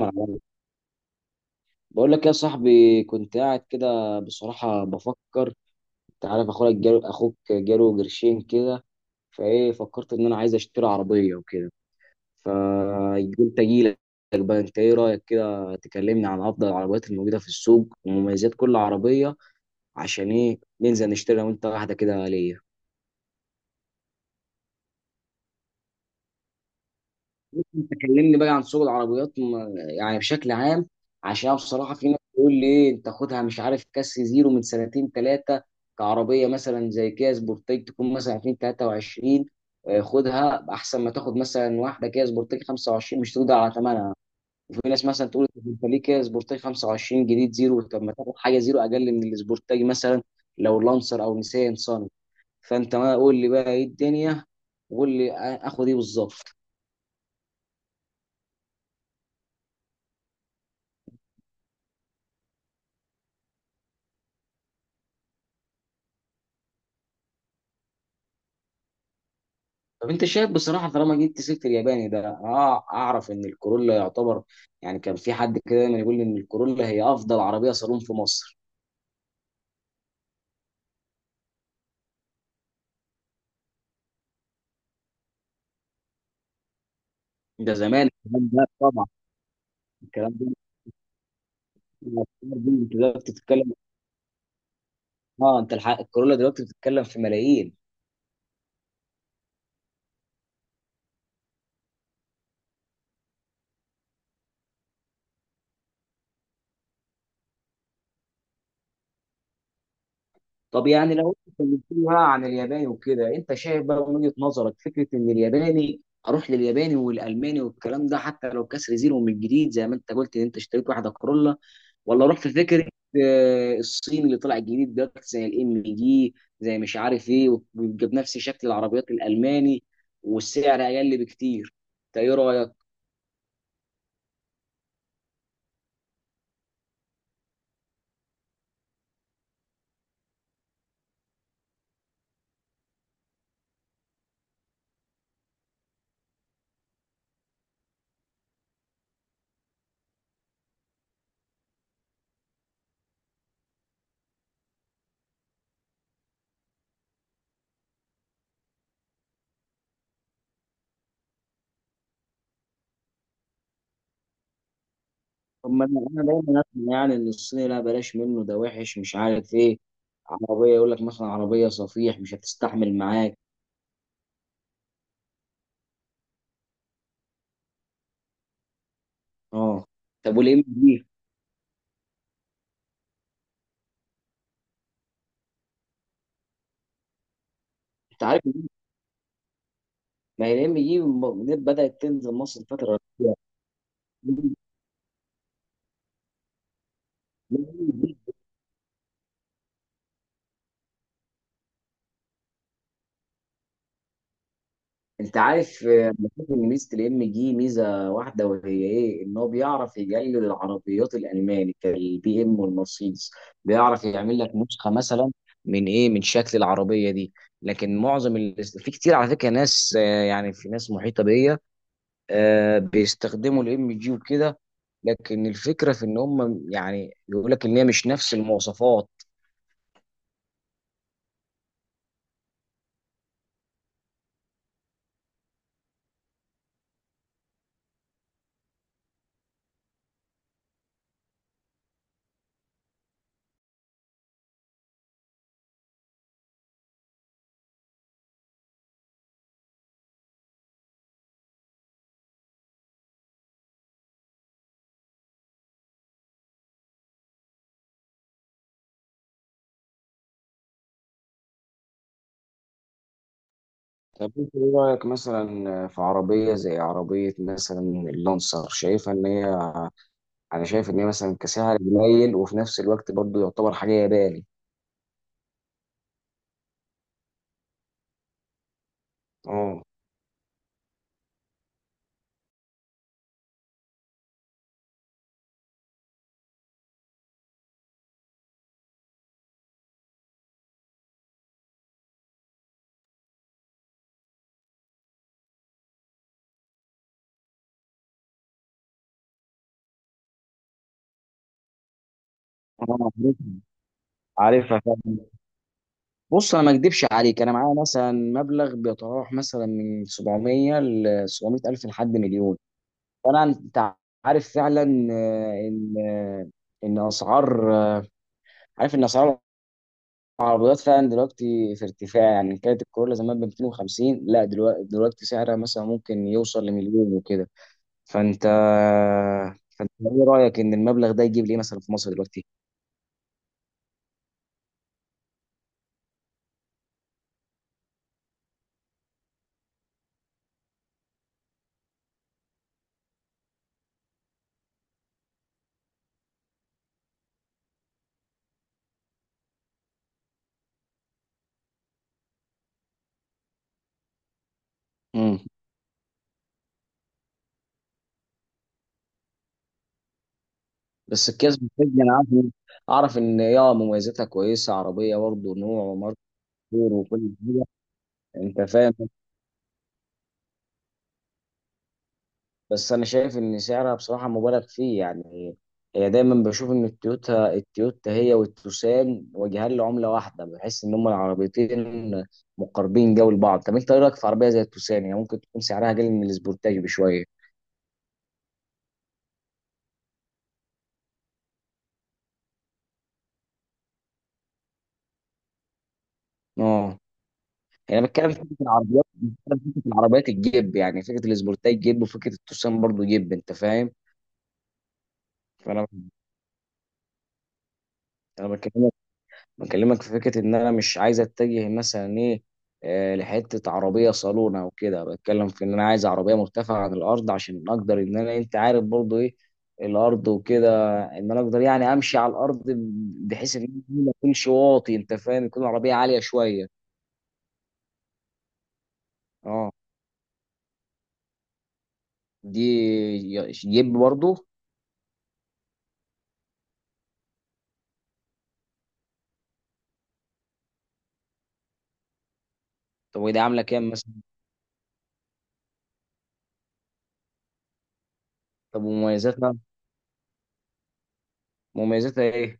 معايا. بقول لك يا صاحبي، كنت قاعد كده بصراحة بفكر. انت عارف، اخوك جاله قرشين كده، فايه فكرت ان انا عايز اشتري عربية وكده، فقلت اجيلك. بقى انت ايه رأيك، كده تكلمني عن افضل العربيات الموجودة في السوق ومميزات كل عربية، عشان ايه ننزل نشتري انا وانت واحدة كده ليا. انت كلمني بقى عن سوق العربيات، يعني بشكل عام، عشان بصراحه في ناس بتقول لي إيه، انت خدها مش عارف كاس زيرو من سنتين ثلاثه، كعربيه مثلا زي كيا سبورتيج تكون مثلا 2023. خدها احسن ما تاخد مثلا واحده كيا سبورتيج 25، مش تقدر على ثمنها. وفي ناس مثلا تقول طب انت ليه كيا سبورتيج 25 جديد زيرو؟ طب ما تاخد حاجه زيرو اقل من السبورتيج، مثلا لو لانسر او نيسان صني. فانت ما قول لي بقى ايه الدنيا، وقول لي اخد ايه بالظبط. طب انت شايف بصراحه، طالما جبت سيره الياباني ده، اعرف ان الكورولا يعتبر، يعني كان في حد كده دايما يقول لي ان الكورولا هي افضل عربيه صالون في مصر. ده زمان الكلام ده طبعا، الكلام ده، الأفكار دي انت دلوقتي بتتكلم. اه، انت الحق، الكورولا دلوقتي بتتكلم في ملايين. طب يعني لو انت اتكلمت لي بقى عن الياباني وكده، انت شايف بقى من وجهه نظرك فكره ان الياباني، اروح للياباني والالماني والكلام ده حتى لو كسر زيرو من جديد زي ما انت قلت ان انت اشتريت واحده كورولا، ولا اروح في فكره الصين اللي طلع جديد ده زي الام جي، زي مش عارف ايه، ويبقى بنفس شكل العربيات الالماني، والسعر اقل بكتير. انت ايه رايك؟ طب ما انا، دايما اسمع يعني ان الصيني لا، بلاش منه ده وحش مش عارف ايه، عربيه يقول لك مثلا عربيه صفيح مش هتستحمل معاك. اه. طب والام جي، انت عارف، ما هي الام جي بدات تنزل مصر الفتره الاخيره. انت عارف، بشوف ان ميزه الام جي ميزه واحده، وهي ايه؟ ان هو بيعرف يقلد العربيات الالماني كالبي ام والمرسيدس، بيعرف يعمل لك نسخه مثلا، من ايه؟ من شكل العربيه دي. لكن معظم في كتير على فكره ناس، يعني في ناس محيطه بيا، بيستخدموا الام جي وكده. لكن الفكره في ان هم يعني بيقول لك ان هي مش نفس المواصفات. طب انت ايه رايك مثلا في عربيه، زي عربيه مثلا اللانسر، شايفها ان هي، انا شايف ان هي مثلا كسعر قليل، وفي نفس الوقت برضه يعتبر حاجه يداري. اه، اه، عارفها فعلا. بص، انا ما اكدبش عليك، انا معايا مثلا مبلغ بيتراوح مثلا من 700 ل 700 الف لحد مليون. انت عارف فعلا، آه، ان آه، ان اسعار عارف ان اسعار العربيات فعلا دلوقتي في ارتفاع، يعني كانت الكورولا زمان ب 250، لا دلوقتي، سعرها مثلا ممكن يوصل لمليون وكده. فانت فانت ايه رايك ان المبلغ ده يجيب لي إيه مثلا في مصر دلوقتي؟ امم بس الكيس بالفعل انا عارف اعرف ان يا مميزاتها كويسه، عربيه برضه نوع وماركه كتير وكل حاجه، انت فاهم. بس انا شايف ان سعرها بصراحه مبالغ فيه يعني، هي دايما بشوف ان التويوتا، هي والتوسان وجهان لعمله واحده، بحس ان هم العربيتين مقربين جو لبعض. طب انت ايه رايك في عربيه زي التوسان، يعني ممكن تكون سعرها اقل من السبورتاج بشويه؟ اه، يعني انا بتكلم في فكره العربيات، بتكلم في فكره العربيات الجيب، يعني فكره الاسبورتاي جيب وفكره التوسان برضو جيب، انت فاهم. فانا، انا بكلمك، في فكره ان انا مش عايز اتجه مثلا ايه، لحته عربيه صالون او كده، بتكلم في ان انا عايز عربيه مرتفعه عن الارض عشان اقدر ان انا، انت عارف برضو ايه الارض وكده، ان انا اقدر يعني امشي على الارض، بحيث ان أنا ما اكونش واطي، انت فاهم، يكون العربيه عاليه شويه. اه، دي جيب برضو. طب ودي عامله كام مثلا؟ طب مميزاتها ايه؟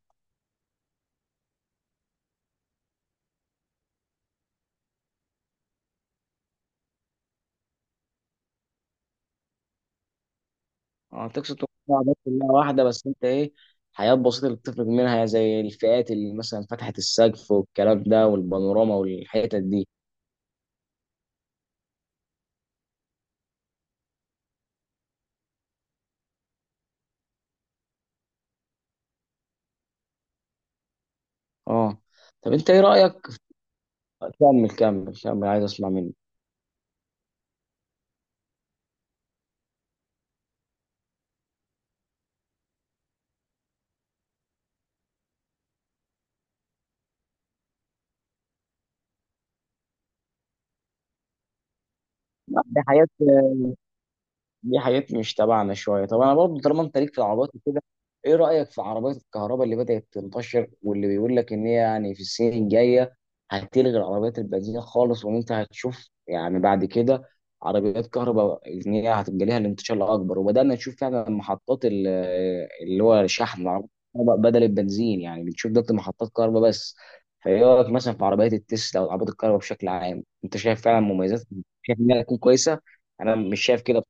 اه، تقصد تقول طبعاً بس كلها واحدة، بس انت ايه، حاجات بسيطة اللي بتفرق منها، زي الفئات اللي مثلا فتحة السقف والكلام ده والبانوراما والحتت دي. اه. طب انت ايه رأيك؟ كمل كمل كمل، عايز اسمع منك. لا، دي حاجات، مش تبعنا شويه. طب انا برضو، طالما انت ليك في العربيات وكده، ايه رايك في عربيات الكهرباء اللي بدات تنتشر، واللي بيقول لك ان هي يعني في السنين الجايه هتلغي العربيات البنزين خالص، وان انت هتشوف يعني بعد كده عربيات كهرباء، ان هي هتبقى ليها الانتشار الاكبر. وبدانا نشوف فعلا محطات اللي هو شحن العربيات الكهرباء بدل البنزين، يعني بنشوف دلوقتي محطات كهرباء بس. فايه رايك مثلا في عربيات التسلا او العربيات الكهرباء بشكل عام؟ انت شايف فعلا مميزات، شايف انها تكون كويسه؟ انا مش شايف كده.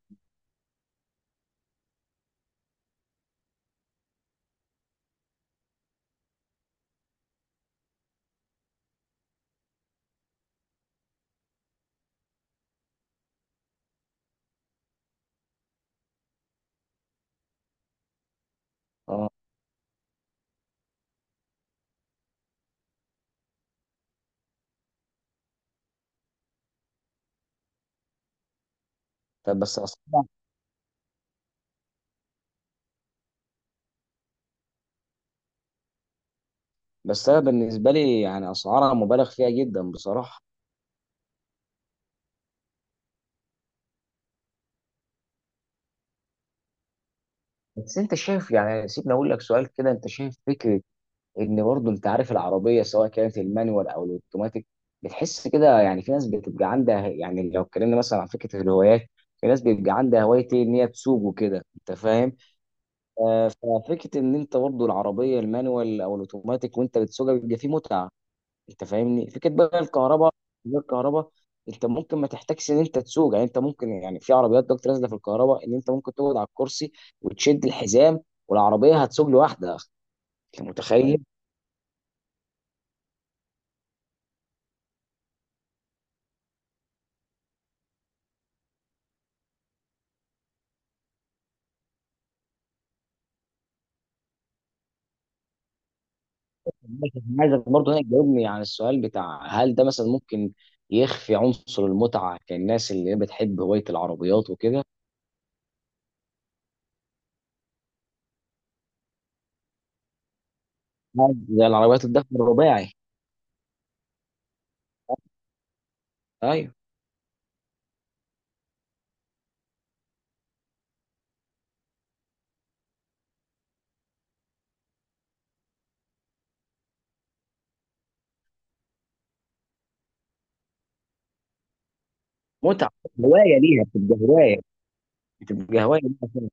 طب بس أسعار، بس أنا بالنسبة لي يعني أسعارها مبالغ فيها جدا بصراحة. بس أنت شايف، يعني سيبني أقول لك سؤال كده، أنت شايف فكرة إن برضه، أنت عارف العربية سواء كانت المانيوال أو الأوتوماتيك، بتحس كده، يعني في ناس بتبقى عندها، يعني لو اتكلمنا مثلا عن فكرة الهوايات، في ناس بيبقى عندها هواية إيه، إن هي تسوق وكده، أنت فاهم. ففكرة إن أنت برضه العربية المانيوال أو الأوتوماتيك وأنت بتسوقها بيبقى فيه متعة. انت فاهمني، فكره بقى الكهرباء غير الكهرباء، انت ممكن ما تحتاجش ان انت تسوق. يعني انت ممكن، يعني في عربيات دلوقتي نازله في الكهرباء ان انت ممكن تقعد على الكرسي وتشد الحزام، والعربيه هتسوق لوحدها. انت متخيل؟ عايزك برضه هنا تجاوبني عن السؤال بتاع، هل ده مثلا ممكن يخفي عنصر المتعه كالناس اللي بتحب هوايه العربيات وكده، زي العربيات الدفع الرباعي؟ ايوه، متعه، هوايه ليها، بتبقى هوايه ليها.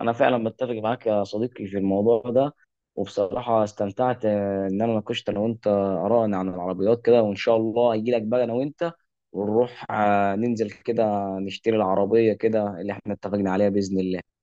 انا فعلا بتفق معاك يا صديقي في الموضوع ده، وبصراحه استمتعت ان انا ناقشت انا وانت ارائنا عن العربيات كده، وان شاء الله اجي لك بقى انا وانت، ونروح ننزل كده نشتري العربيه كده اللي احنا اتفقنا عليها، باذن الله.